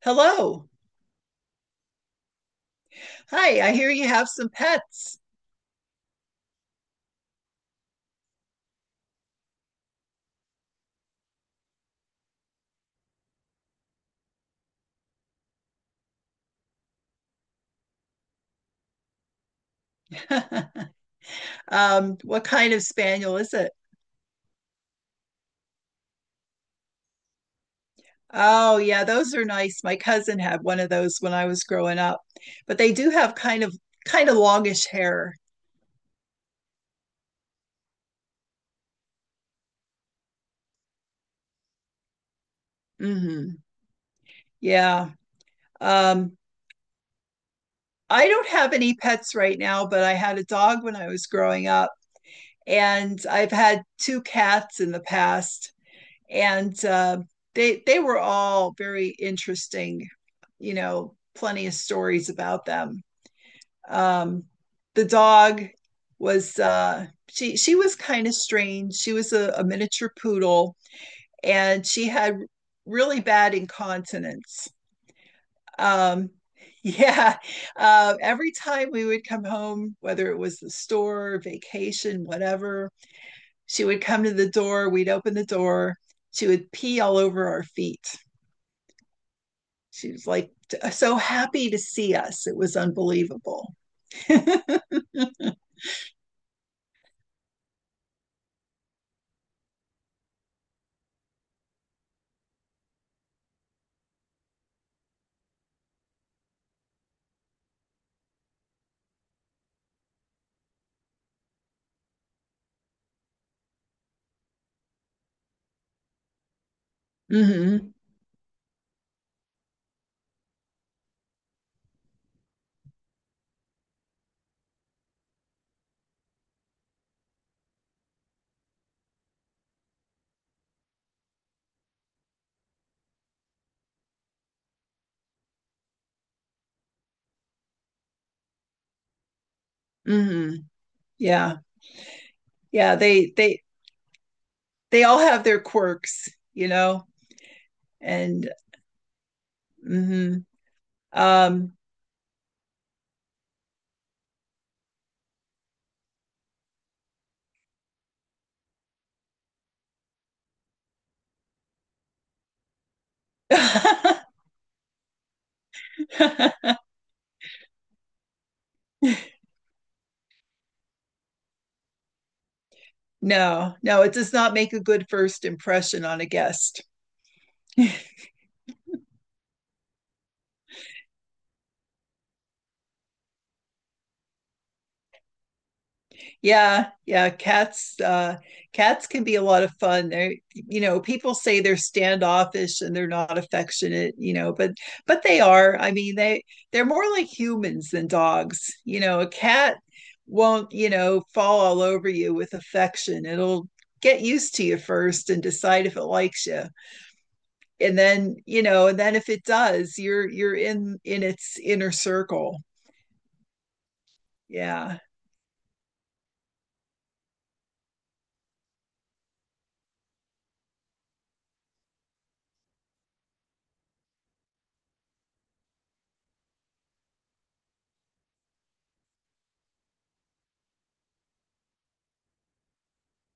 Hello. Hi, I hear you have some pets. What kind of spaniel is it? Oh, yeah, those are nice. My cousin had one of those when I was growing up. But they do have kind of longish hair. hmm Yeah. Um, I don't have any pets right now, but I had a dog when I was growing up, and I've had two cats in the past, and they were all very interesting, you know, plenty of stories about them. um, the dog was she was kind of strange. She was a miniature poodle, and she had really bad incontinence. Um, yeah, every time we would come home, whether it was the store, vacation, whatever, she would come to the door. We'd open the door. She would pee all over our feet. She was like so happy to see us. It was unbelievable. hmm hmm Yeah. Yeah. They they all have their quirks, you know, and hmm um no, no, it does not make a good first impression on a guest. Yeah, yeah, cats can be a lot of fun. They're, you know, people say they're standoffish and they're not affectionate, you know, but they are. I mean, they're more like humans than dogs. You know, a cat won't, you know, fall all over you with affection. It'll get used to you first and decide if it likes you. And then, you know, and then if it does, you're in its inner circle. Yeah.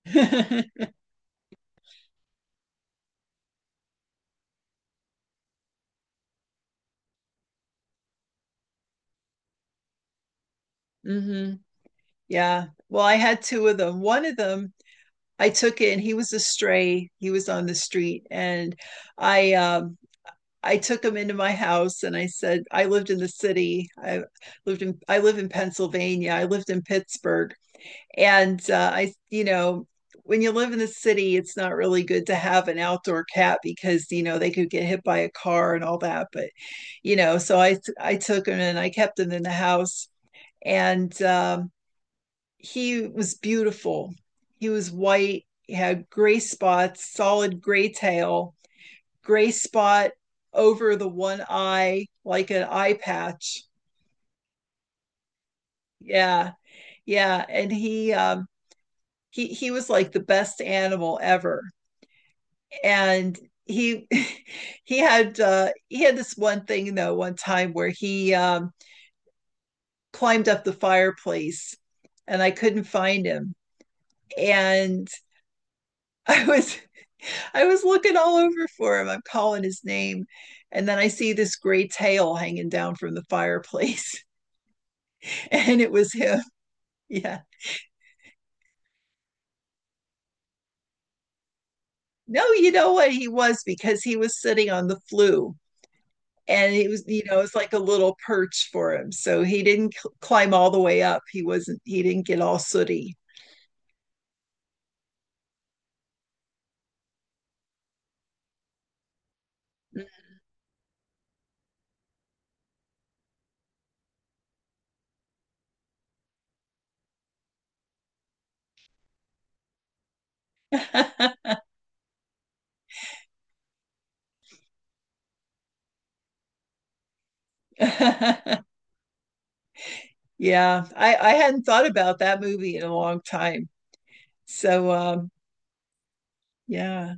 hmm Yeah. Well, I had two of them. One of them, I took in. He was a stray. He was on the street, and I um, I took him into my house, and I said I lived in the city. I live in Pennsylvania. I lived in Pittsburgh, and I, you know, when you live in the city, it's not really good to have an outdoor cat because you know they could get hit by a car and all that. But you know, so I took him and I kept him in the house, and he was beautiful. He was white, he had gray spots, solid gray tail, gray spot over the one eye, like an eye patch. Yeah, yeah. And he was like the best animal ever. And he he had this one thing though one time where he climbed up the fireplace and I couldn't find him. And I was I was looking all over for him. I'm calling his name. And then I see this gray tail hanging down from the fireplace. And it was him. Yeah. No, you know what, he was, because he was sitting on the flue and it was, you know, it's like a little perch for him. So he didn't climb all the way up. He didn't get all sooty. Yeah. I hadn't thought about that movie in a long time. So, yeah.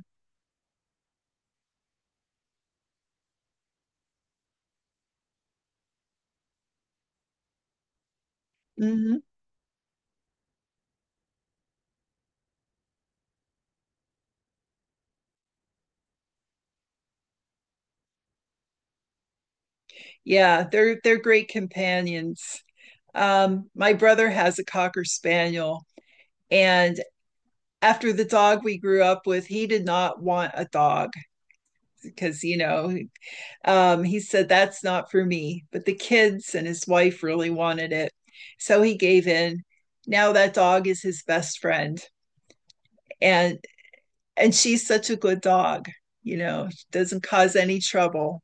hmm Yeah. They're great companions. My brother has a Cocker Spaniel, and after the dog we grew up with, he did not want a dog because, you know, he said, that's not for me. But the kids and his wife really wanted it. So he gave in. Now that dog is his best friend. And and she's such a good dog, you know, doesn't cause any trouble,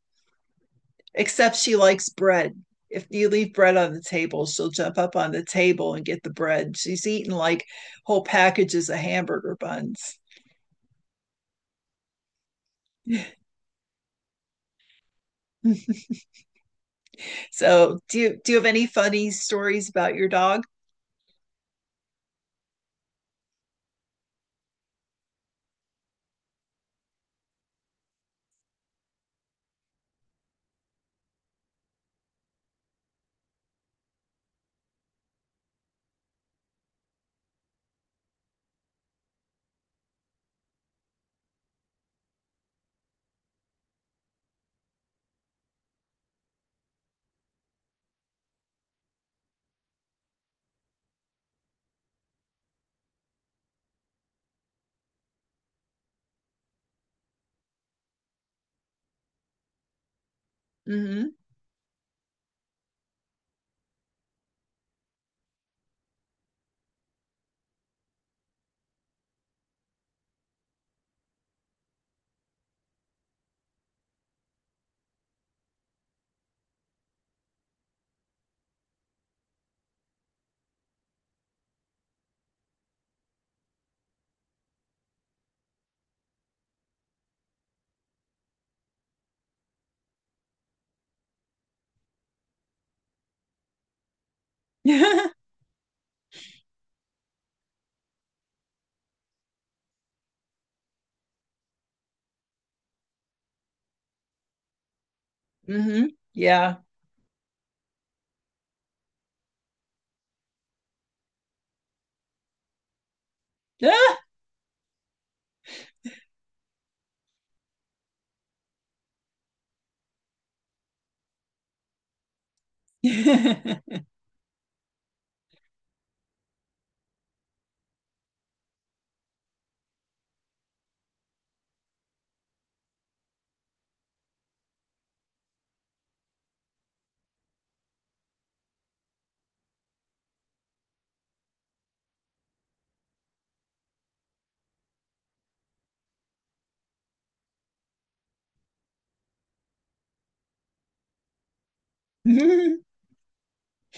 except she likes bread. If you leave bread on the table, she'll jump up on the table and get the bread. She's eaten like whole packages of hamburger buns. So, do you have any funny stories about your dog? Mm-hmm. Mm-hmm. Yeah.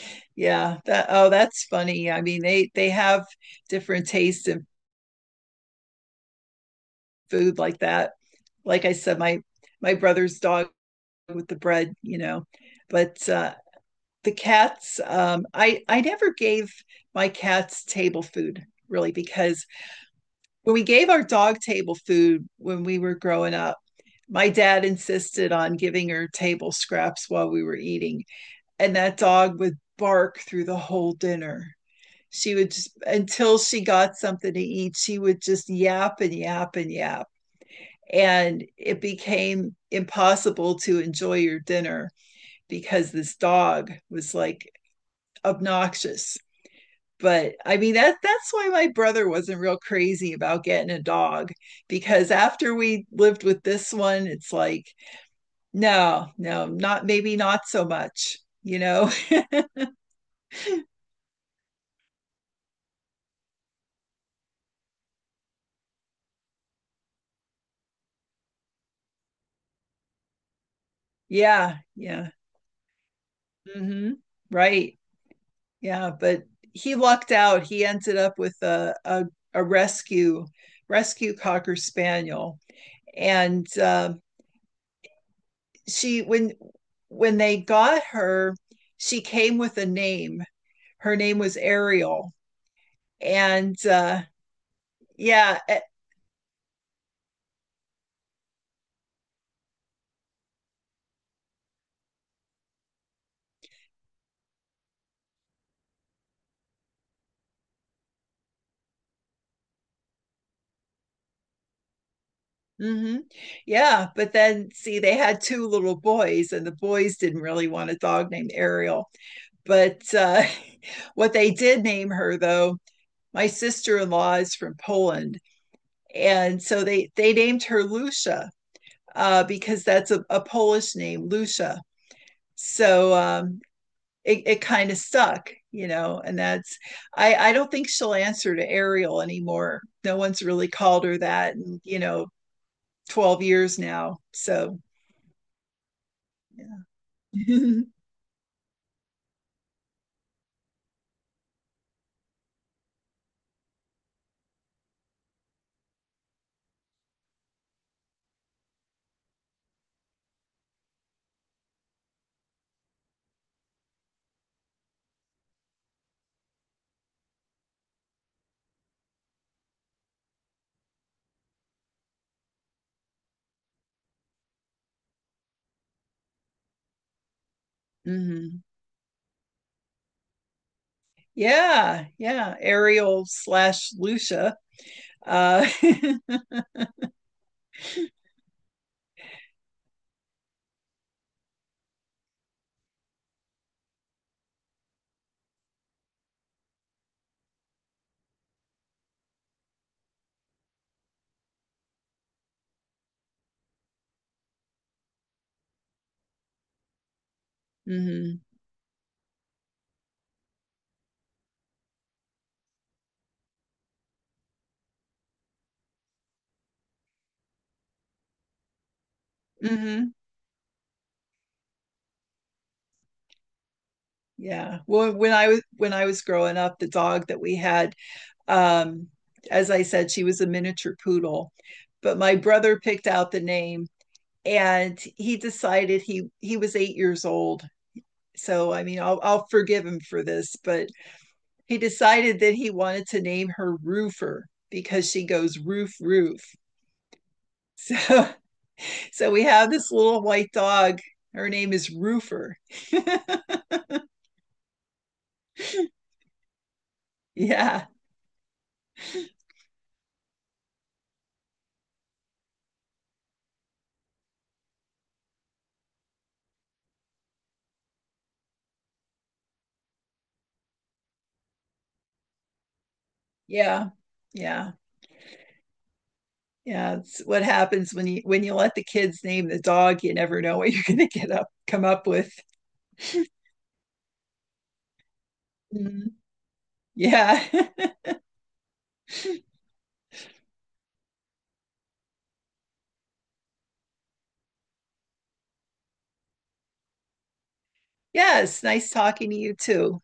Yeah. That, oh, that's funny. I mean, they have different tastes in food like that. Like I said, my brother's dog with the bread, you know. But the cats I never gave my cats table food really, because when we gave our dog table food when we were growing up, my dad insisted on giving her table scraps while we were eating, and that dog would bark through the whole dinner. She would just, until she got something to eat, she would just yap and yap and yap, and it became impossible to enjoy your dinner, because this dog was like obnoxious. But I mean, that's why my brother wasn't real crazy about getting a dog, because after we lived with this one, it's like, no, no, not maybe not so much, you know. Yeah, yeah. hmm right. Yeah. But he lucked out. He ended up with a rescue cocker spaniel. And she, when they got her, she came with a name. Her name was Ariel. And yeah, mhm. Yeah, but then see they had two little boys and the boys didn't really want a dog named ariel. But what they did name her though, my sister-in-law is from poland, and so they named her lucia, because that's a polish name, lucia. So it kind of stuck, you know, and that's, I don't think she'll answer to Ariel anymore. No one's really called her that. And, you know, 12 years now. So, yeah. hmm Yeah, yeah. Ariel slash Lucia. Uh, hmm hmm Yeah. Well, when I was growing up, the dog that we had, um, as I said, she was a miniature poodle, but my brother picked out the name, and he decided he was 8 years old. So I mean, I'll forgive him for this, but he decided that he wanted to name her Roofer because she goes roof, roof. So, so we have this little white dog. Her name is Roofer. Yeah, yeah, yeah, yeah. It's what happens when you let the kids name the dog. You never know what you're going to get up come up with. Mm, yeah, yes. Nice talking to you too.